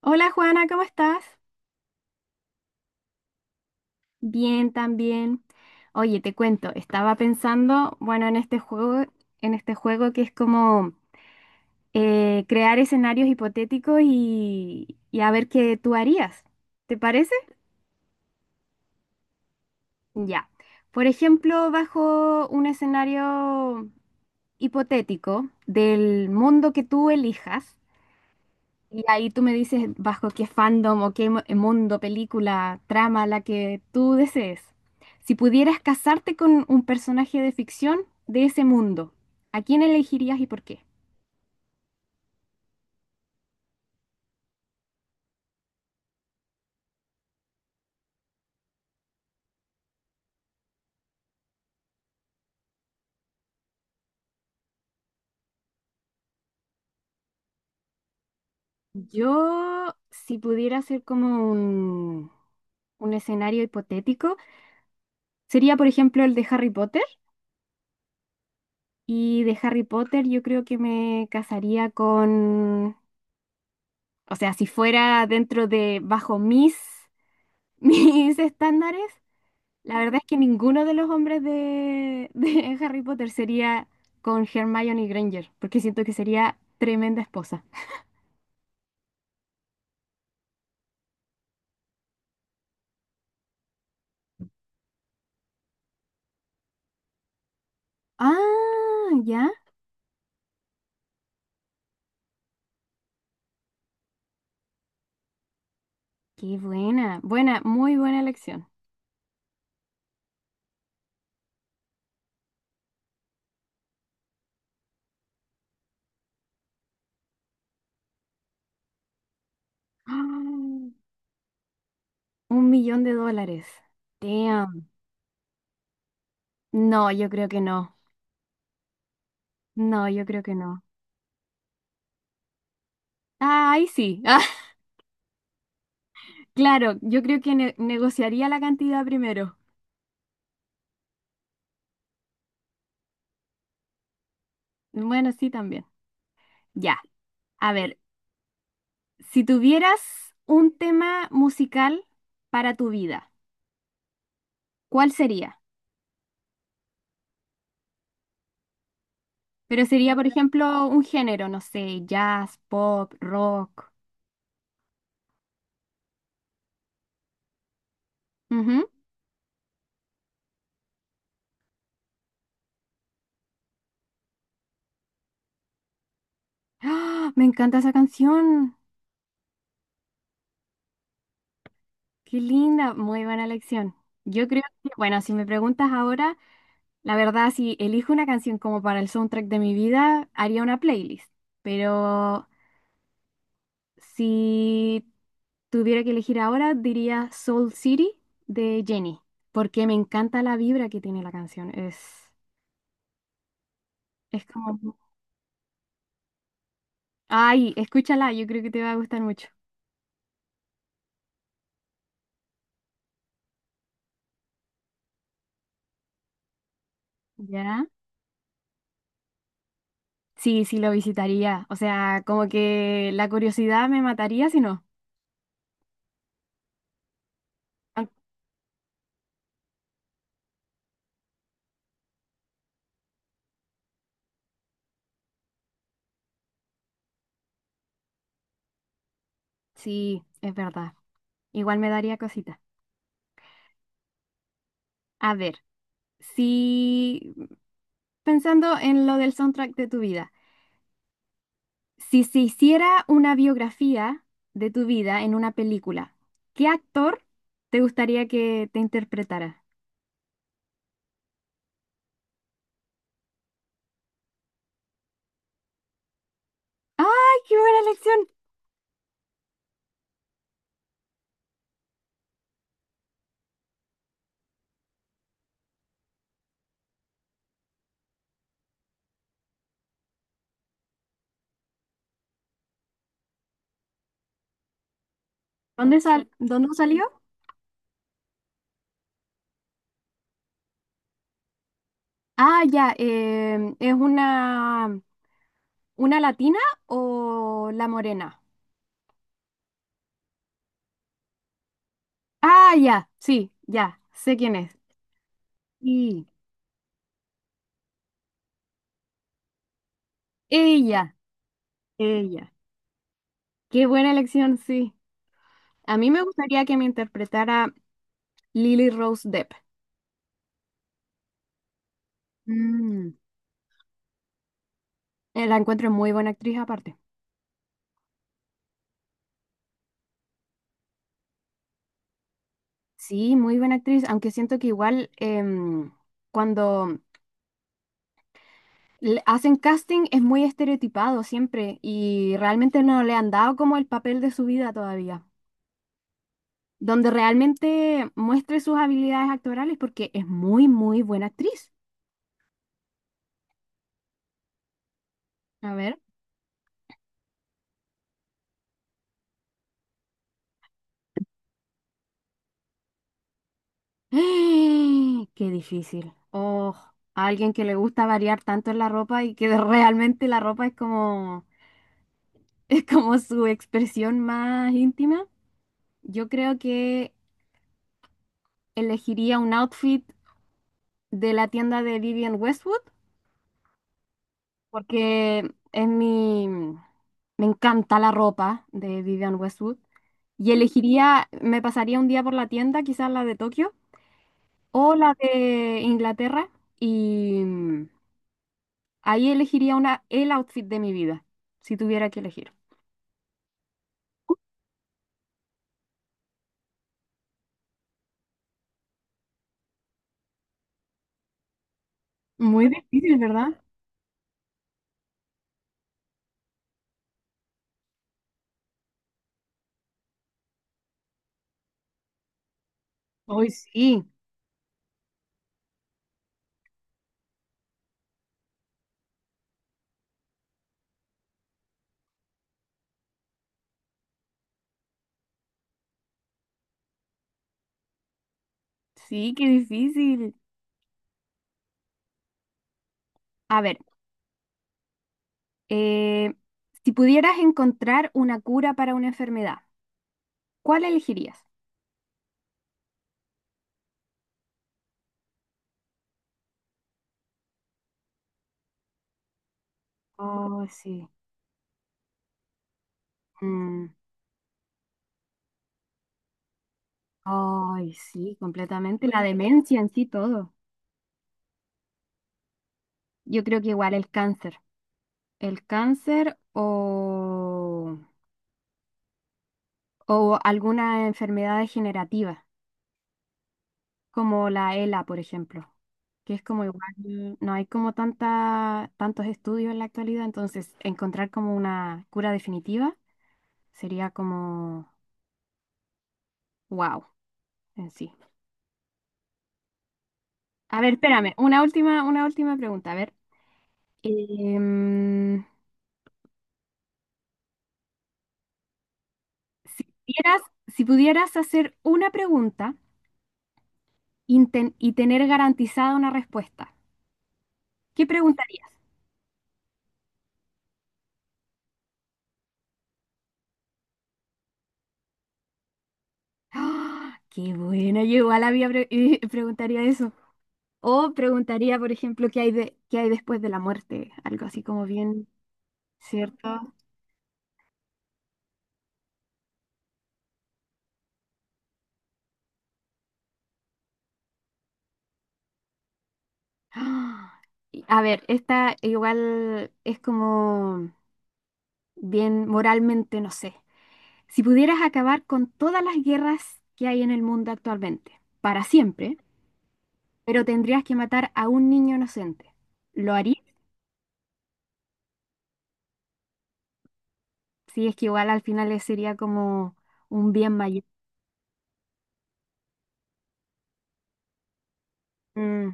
Hola Juana, ¿cómo estás? Bien, también. Oye, te cuento, estaba pensando, bueno, en este juego que es como crear escenarios hipotéticos y a ver qué tú harías. ¿Te parece? Ya. Por ejemplo, bajo un escenario hipotético del mundo que tú elijas. Y ahí tú me dices bajo qué fandom o mundo, película, trama, la que tú desees. Si pudieras casarte con un personaje de ficción de ese mundo, ¿a quién elegirías y por qué? Yo, si pudiera hacer un escenario hipotético, sería por ejemplo el de Harry Potter. Y de Harry Potter yo creo que me casaría con, o sea, si fuera dentro de, bajo mis, mis estándares. La verdad es que ninguno de los hombres de Harry Potter sería con Hermione Granger, porque siento que sería tremenda esposa. Ah, ya. Qué buena. Buena, muy buena elección. Ah, un millón de dólares. Damn. No, yo creo que no. No, yo creo que no. Ah, ahí sí. Ah, claro, yo creo que negociaría la cantidad primero. Bueno, sí, también. Ya. A ver, si tuvieras un tema musical para tu vida. ¿Cuál sería? Pero sería, por ejemplo, un género, no sé, jazz, pop, rock. Ujú. ¡Ah! Me encanta esa canción. Qué linda, muy buena elección. Yo creo que, bueno, si me preguntas ahora, la verdad, si elijo una canción como para el soundtrack de mi vida, haría una playlist. Pero si tuviera que elegir ahora, diría Soul City de Jenny, porque me encanta la vibra que tiene la canción. Es como... Ay, escúchala, yo creo que te va a gustar mucho. ¿Ya? Sí, sí, lo visitaría. O sea, como que la curiosidad me mataría si no. Aun- Sí, es verdad. Igual me daría cosita. A ver, si pensando en lo del soundtrack de tu vida, si se hiciera una biografía de tu vida en una película, ¿qué actor te gustaría que te interpretara? ¡Ay, qué buena elección! Dónde salió? Ah, ya, es una. ¿Una latina o la morena? Ah, ya, sí, ya, sé quién es. Sí, ella, ella. Qué buena elección, sí. A mí me gustaría que me interpretara Lily Rose Depp. Mm, La encuentro muy buena actriz aparte. Sí, muy buena actriz, aunque siento que igual cuando le hacen casting es muy estereotipado siempre y realmente no le han dado como el papel de su vida todavía, donde realmente muestre sus habilidades actorales porque es muy, muy buena actriz. A ver. Qué difícil. Oh, a alguien que le gusta variar tanto en la ropa y que realmente la ropa es como su expresión más íntima. Yo creo que elegiría un outfit de la tienda de Vivienne Westwood porque es mi, me encanta la ropa de Vivian Westwood y elegiría, me pasaría un día por la tienda, quizás la de Tokio o la de Inglaterra y ahí elegiría una, el outfit de mi vida, si tuviera que elegir. Muy difícil, ¿verdad? Hoy sí, sí, qué difícil. A ver, eh, si pudieras encontrar una cura para una enfermedad, ¿cuál elegirías? Oh, sí. Mm, ay, sí, completamente. La demencia en sí todo. Yo creo que igual el cáncer. El cáncer o alguna enfermedad degenerativa, como la ELA, por ejemplo, que es como igual, no hay como tanta, tantos estudios en la actualidad, entonces encontrar como una cura definitiva sería como wow en sí. A ver, espérame, una última pregunta. A ver, em, si pudieras, si pudieras hacer una pregunta y tener garantizada una respuesta, ¿qué preguntarías? ¡Ah! ¡Qué buena! Yo igual había preguntaría eso. O preguntaría, por ejemplo, qué hay después de la muerte, algo así como bien, ¿cierto? ¡Ah! Y, a ver, esta igual es como bien moralmente, no sé. Si pudieras acabar con todas las guerras que hay en el mundo actualmente, para siempre, pero tendrías que matar a un niño inocente. ¿Lo harías? Sí, es que igual al final le sería como un bien mayor. Mm,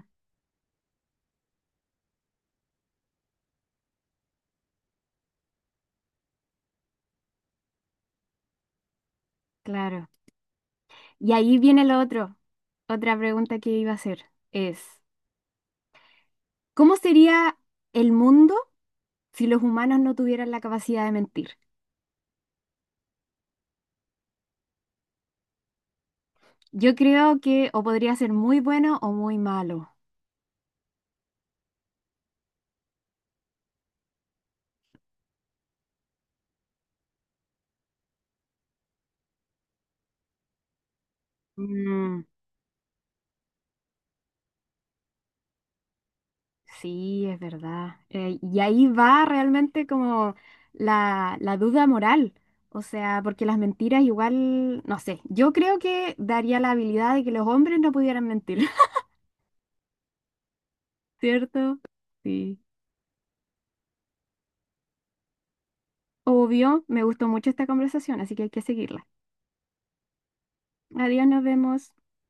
claro. Y ahí viene lo otro. Otra pregunta que iba a hacer es, ¿cómo sería el mundo si los humanos no tuvieran la capacidad de mentir? Yo creo que o podría ser muy bueno o muy malo. Mm, sí, es verdad. Y ahí va realmente como la duda moral. O sea, porque las mentiras igual, no sé, yo creo que daría la habilidad de que los hombres no pudieran mentir, ¿cierto? Sí. Obvio, me gustó mucho esta conversación, así que hay que seguirla. Adiós, nos vemos.